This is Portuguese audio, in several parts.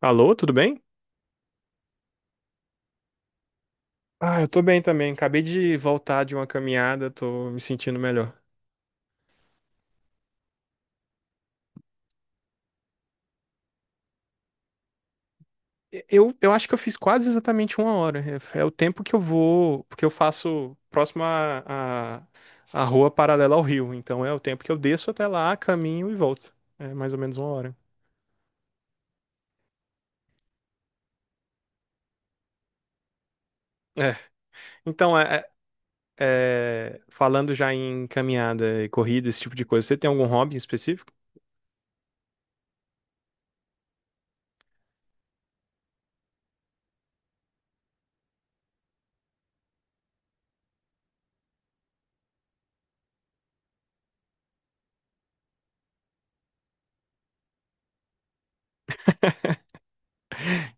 Alô, tudo bem? Ah, eu tô bem também. Acabei de voltar de uma caminhada, tô me sentindo melhor. Eu acho que eu fiz quase exatamente uma hora. É o tempo que eu vou, porque eu faço próximo à rua paralela ao rio. Então é o tempo que eu desço até lá, caminho e volto. É mais ou menos uma hora. É. Então, é, é, Falando já em caminhada e corrida, esse tipo de coisa, você tem algum hobby específico?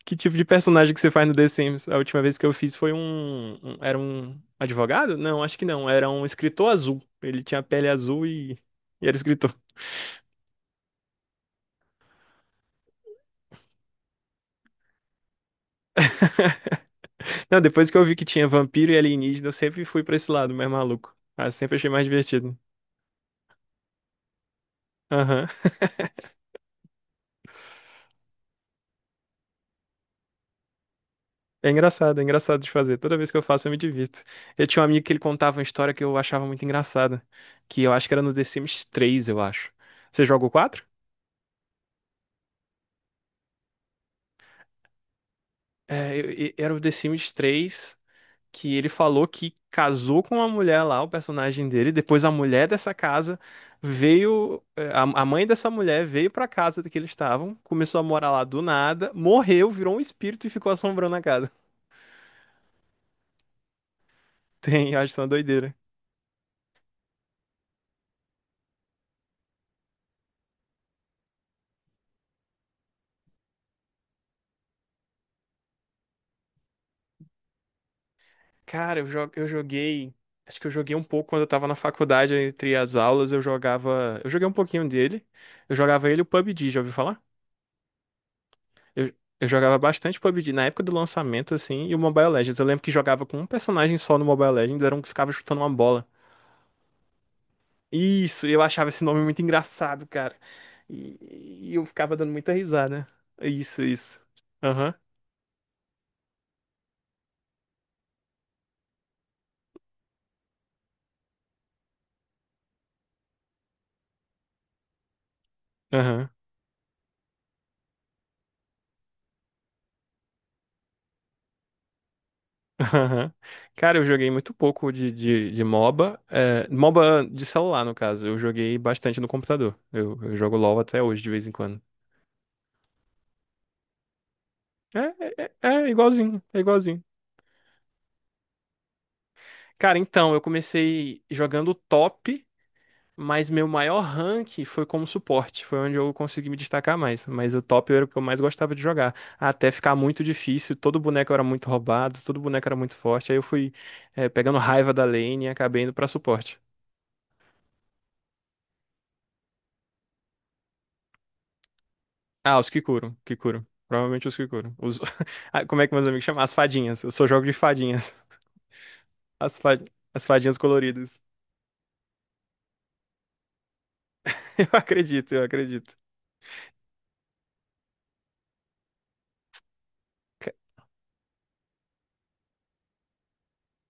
Que tipo de personagem que você faz no The Sims? A última vez que eu fiz foi Era um advogado? Não, acho que não. Era um escritor azul. Ele tinha pele e era escritor. Não, depois que eu vi que tinha vampiro e alienígena, eu sempre fui pra esse lado mais maluco. Ah, sempre achei mais divertido. Aham. É engraçado de fazer. Toda vez que eu faço, eu me divirto. Eu tinha um amigo que ele contava uma história que eu achava muito engraçada, que eu acho que era no The Sims 3, eu acho. Você joga o quatro? Era o The Sims 3 que ele falou que casou com uma mulher lá, o personagem dele. Depois a mulher dessa casa veio, a mãe dessa mulher veio pra casa que eles estavam, começou a morar lá do nada, morreu, virou um espírito e ficou assombrando a casa. Tem, eu acho que é uma doideira. Cara, eu joguei. Acho que eu joguei um pouco quando eu tava na faculdade, entre as aulas, eu jogava. Eu joguei um pouquinho dele. Eu jogava ele e o PUBG, já ouviu falar? Eu, eu jogava bastante PUBG na época do lançamento, assim, e o Mobile Legends. Eu lembro que jogava com um personagem só no Mobile Legends, era um que ficava chutando uma bola. Isso, eu achava esse nome muito engraçado, cara. E eu ficava dando muita risada. Isso, isso. Aham, aham. Aham. Cara, eu joguei muito pouco de MOBA. É, MOBA de celular, no caso. Eu joguei bastante no computador. Eu jogo LOL até hoje, de vez em quando. É, é é igualzinho, é igualzinho. Cara, então, eu comecei jogando top, mas meu maior rank foi como suporte. Foi onde eu consegui me destacar mais. Mas o top era o que eu mais gostava de jogar. Até ficar muito difícil, todo boneco era muito roubado, todo boneco era muito forte. Aí eu fui pegando raiva da lane e acabei indo pra suporte. Ah, os que curam, que curam. Provavelmente os que curam. Os... Ah, como é que meus amigos chamam? As fadinhas. Eu só jogo de fadinhas. As, fa... As fadinhas coloridas. Eu acredito, eu acredito. Ca-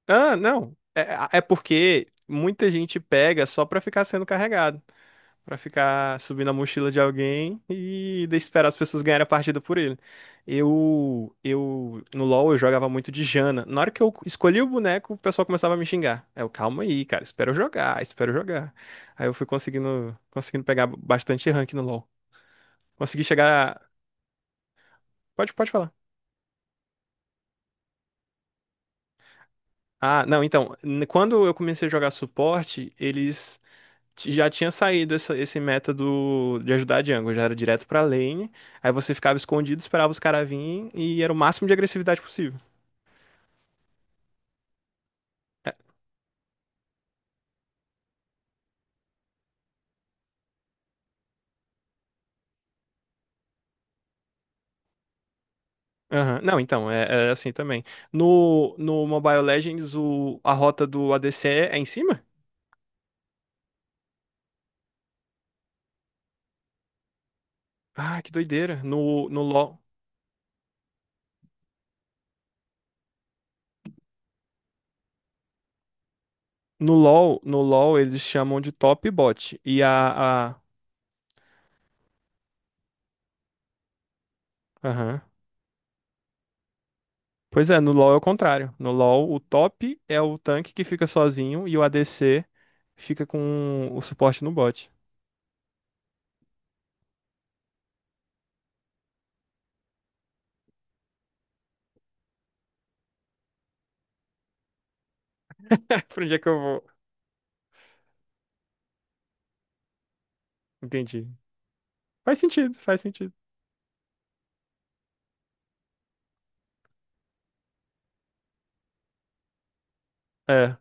Ah, não. É porque muita gente pega só pra ficar sendo carregado. Pra ficar subindo a mochila de alguém e esperar as pessoas ganharem a partida por ele. No LoL eu jogava muito de Jana. Na hora que eu escolhi o boneco, o pessoal começava a me xingar. Eu, calma aí, cara, espero jogar, espero jogar. Aí eu fui conseguindo, conseguindo pegar bastante rank no LoL. Consegui chegar. Pode, pode falar. Ah, não, então, quando eu comecei a jogar suporte, eles já tinha saído essa, esse método de ajudar a jungle, já era direto pra lane, aí você ficava escondido, esperava os caras virem e era o máximo de agressividade possível. É, aham. Não, então, era assim também. No Mobile Legends, o, a rota do ADC é em cima? Ah, que doideira. No LoL eles chamam de top bot. E aham. Pois é, no LoL é o contrário. No LoL, o top é o tanque que fica sozinho e o ADC fica com o suporte no bot. Pra onde é que eu vou? Entendi. Faz sentido, faz sentido. É.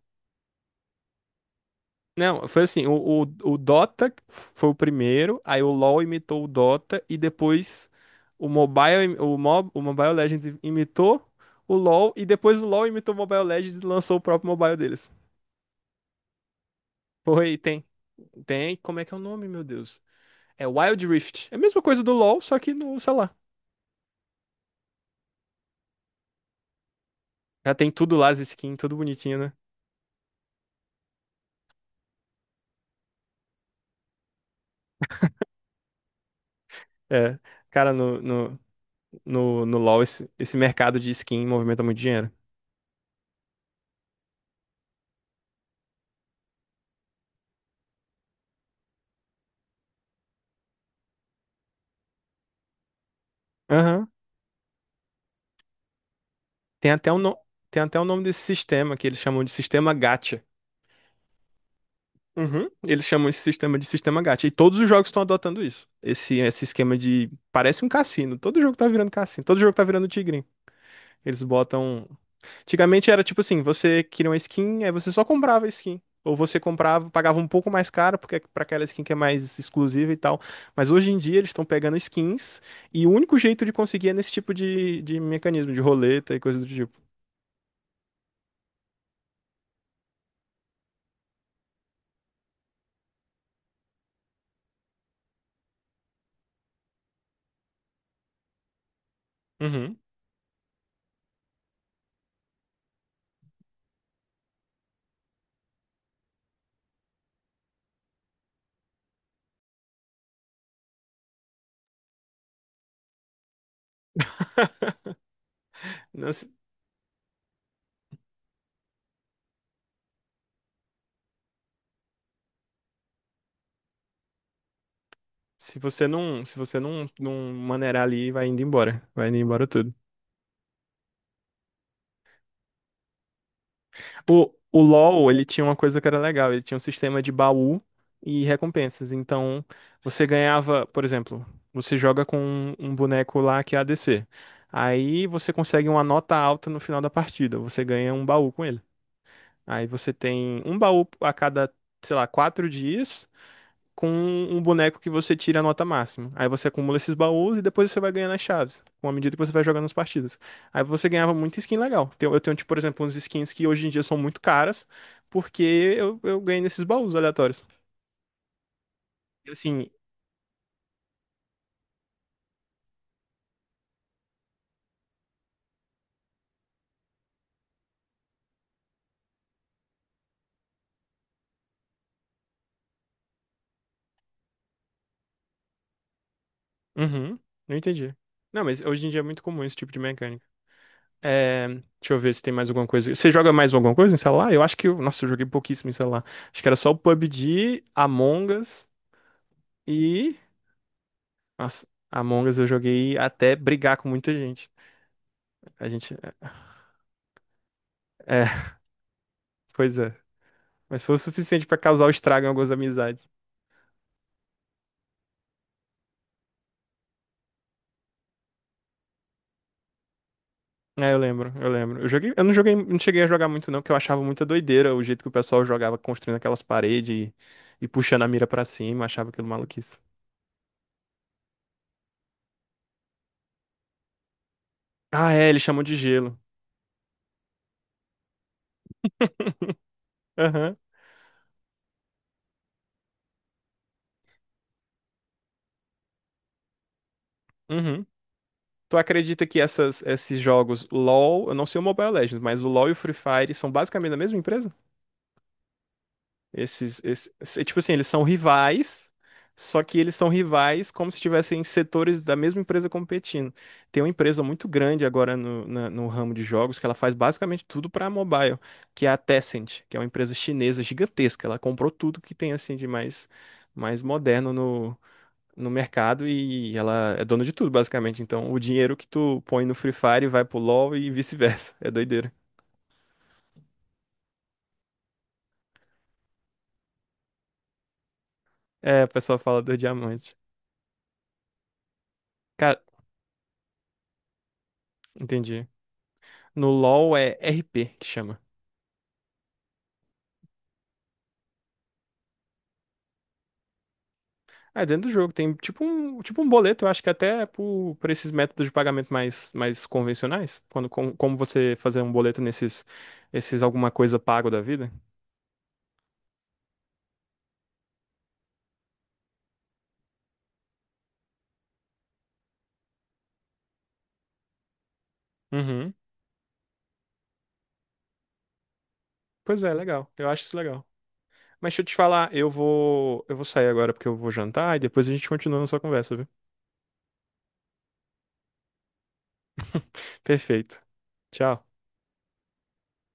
Não, foi assim, o Dota foi o primeiro, aí o LoL imitou o Dota e depois o Mobile Legends imitou o LoL e depois o LoL imitou o Mobile Legends e lançou o próprio mobile deles. Foi, tem. Tem, como é que é o nome, meu Deus? É Wild Rift. É a mesma coisa do LoL, só que no, sei lá. Já tem tudo lá, as skins, tudo bonitinho, né? É. Cara, no LoL esse mercado de skin movimenta muito dinheiro. Aham. Tem até um no- Tem até o nome desse sistema que eles chamam de sistema gacha. Uhum. Eles chamam esse sistema de sistema gacha. E todos os jogos estão adotando isso. Esse esquema de. Parece um cassino. Todo jogo tá virando cassino. Todo jogo tá virando tigrinho. Eles botam. Antigamente era tipo assim, você queria uma skin, aí você só comprava a skin. Ou você comprava, pagava um pouco mais caro, porque é pra aquela skin que é mais exclusiva e tal. Mas hoje em dia eles estão pegando skins, e o único jeito de conseguir é nesse tipo de mecanismo, de roleta e coisa do tipo. Uhum. Não, se você não, se você não, não maneirar ali, vai indo embora. Vai indo embora tudo. O LoL, ele tinha uma coisa que era legal, ele tinha um sistema de baú e recompensas. Então, você ganhava, por exemplo, você joga com um boneco lá que é ADC. Aí você consegue uma nota alta no final da partida, você ganha um baú com ele. Aí você tem um baú a cada, sei lá, quatro dias com um boneco que você tira a nota máxima. Aí você acumula esses baús e depois você vai ganhando as chaves, com a medida que você vai jogando as partidas. Aí você ganhava muita skin legal. Eu tenho, tipo, por exemplo, uns skins que hoje em dia são muito caras, porque eu ganhei nesses baús aleatórios. E assim, uhum, não entendi. Não, mas hoje em dia é muito comum esse tipo de mecânica. É, deixa eu ver se tem mais alguma coisa. Você joga mais alguma coisa em celular? Eu acho que. Eu- Nossa, eu joguei pouquíssimo em celular. Acho que era só o PUBG, Among Us e Nossa, Among Us eu joguei até brigar com muita gente. A gente. É, pois é. Mas foi o suficiente pra causar o estrago em algumas amizades. É, eu lembro, eu lembro. Eu joguei, eu não joguei, não cheguei a jogar muito não, porque eu achava muita doideira o jeito que o pessoal jogava construindo aquelas paredes e puxando a mira pra cima, eu achava aquilo maluquice. Ah, é, eles chamam de gelo. Aham. Uhum. Tu acredita que essas, esses jogos LoL, eu não sei o Mobile Legends, mas o LoL e o Free Fire são basicamente da mesma empresa? Esses, esse- é tipo assim, eles são rivais, só que eles são rivais como se estivessem setores da mesma empresa competindo. Tem uma empresa muito grande agora no ramo de jogos que ela faz basicamente tudo para mobile, que é a Tencent, que é uma empresa chinesa gigantesca. Ela comprou tudo que tem assim de mais, mais moderno no mercado e ela é dona de tudo, basicamente. Então, o dinheiro que tu põe no Free Fire vai pro LoL e vice-versa. É doideira. É, o pessoal fala do diamante. Cara, entendi. No LoL é RP que chama. Ah, é dentro do jogo, tem tipo um boleto, eu acho que até é por esses métodos de pagamento mais, mais convencionais, quando como você fazer um boleto nesses esses alguma coisa pago da vida. Uhum. Pois é, legal. Eu acho isso legal. Mas deixa eu te falar, eu vou sair agora porque eu vou jantar e depois a gente continua a nossa conversa, viu? Perfeito. Tchau.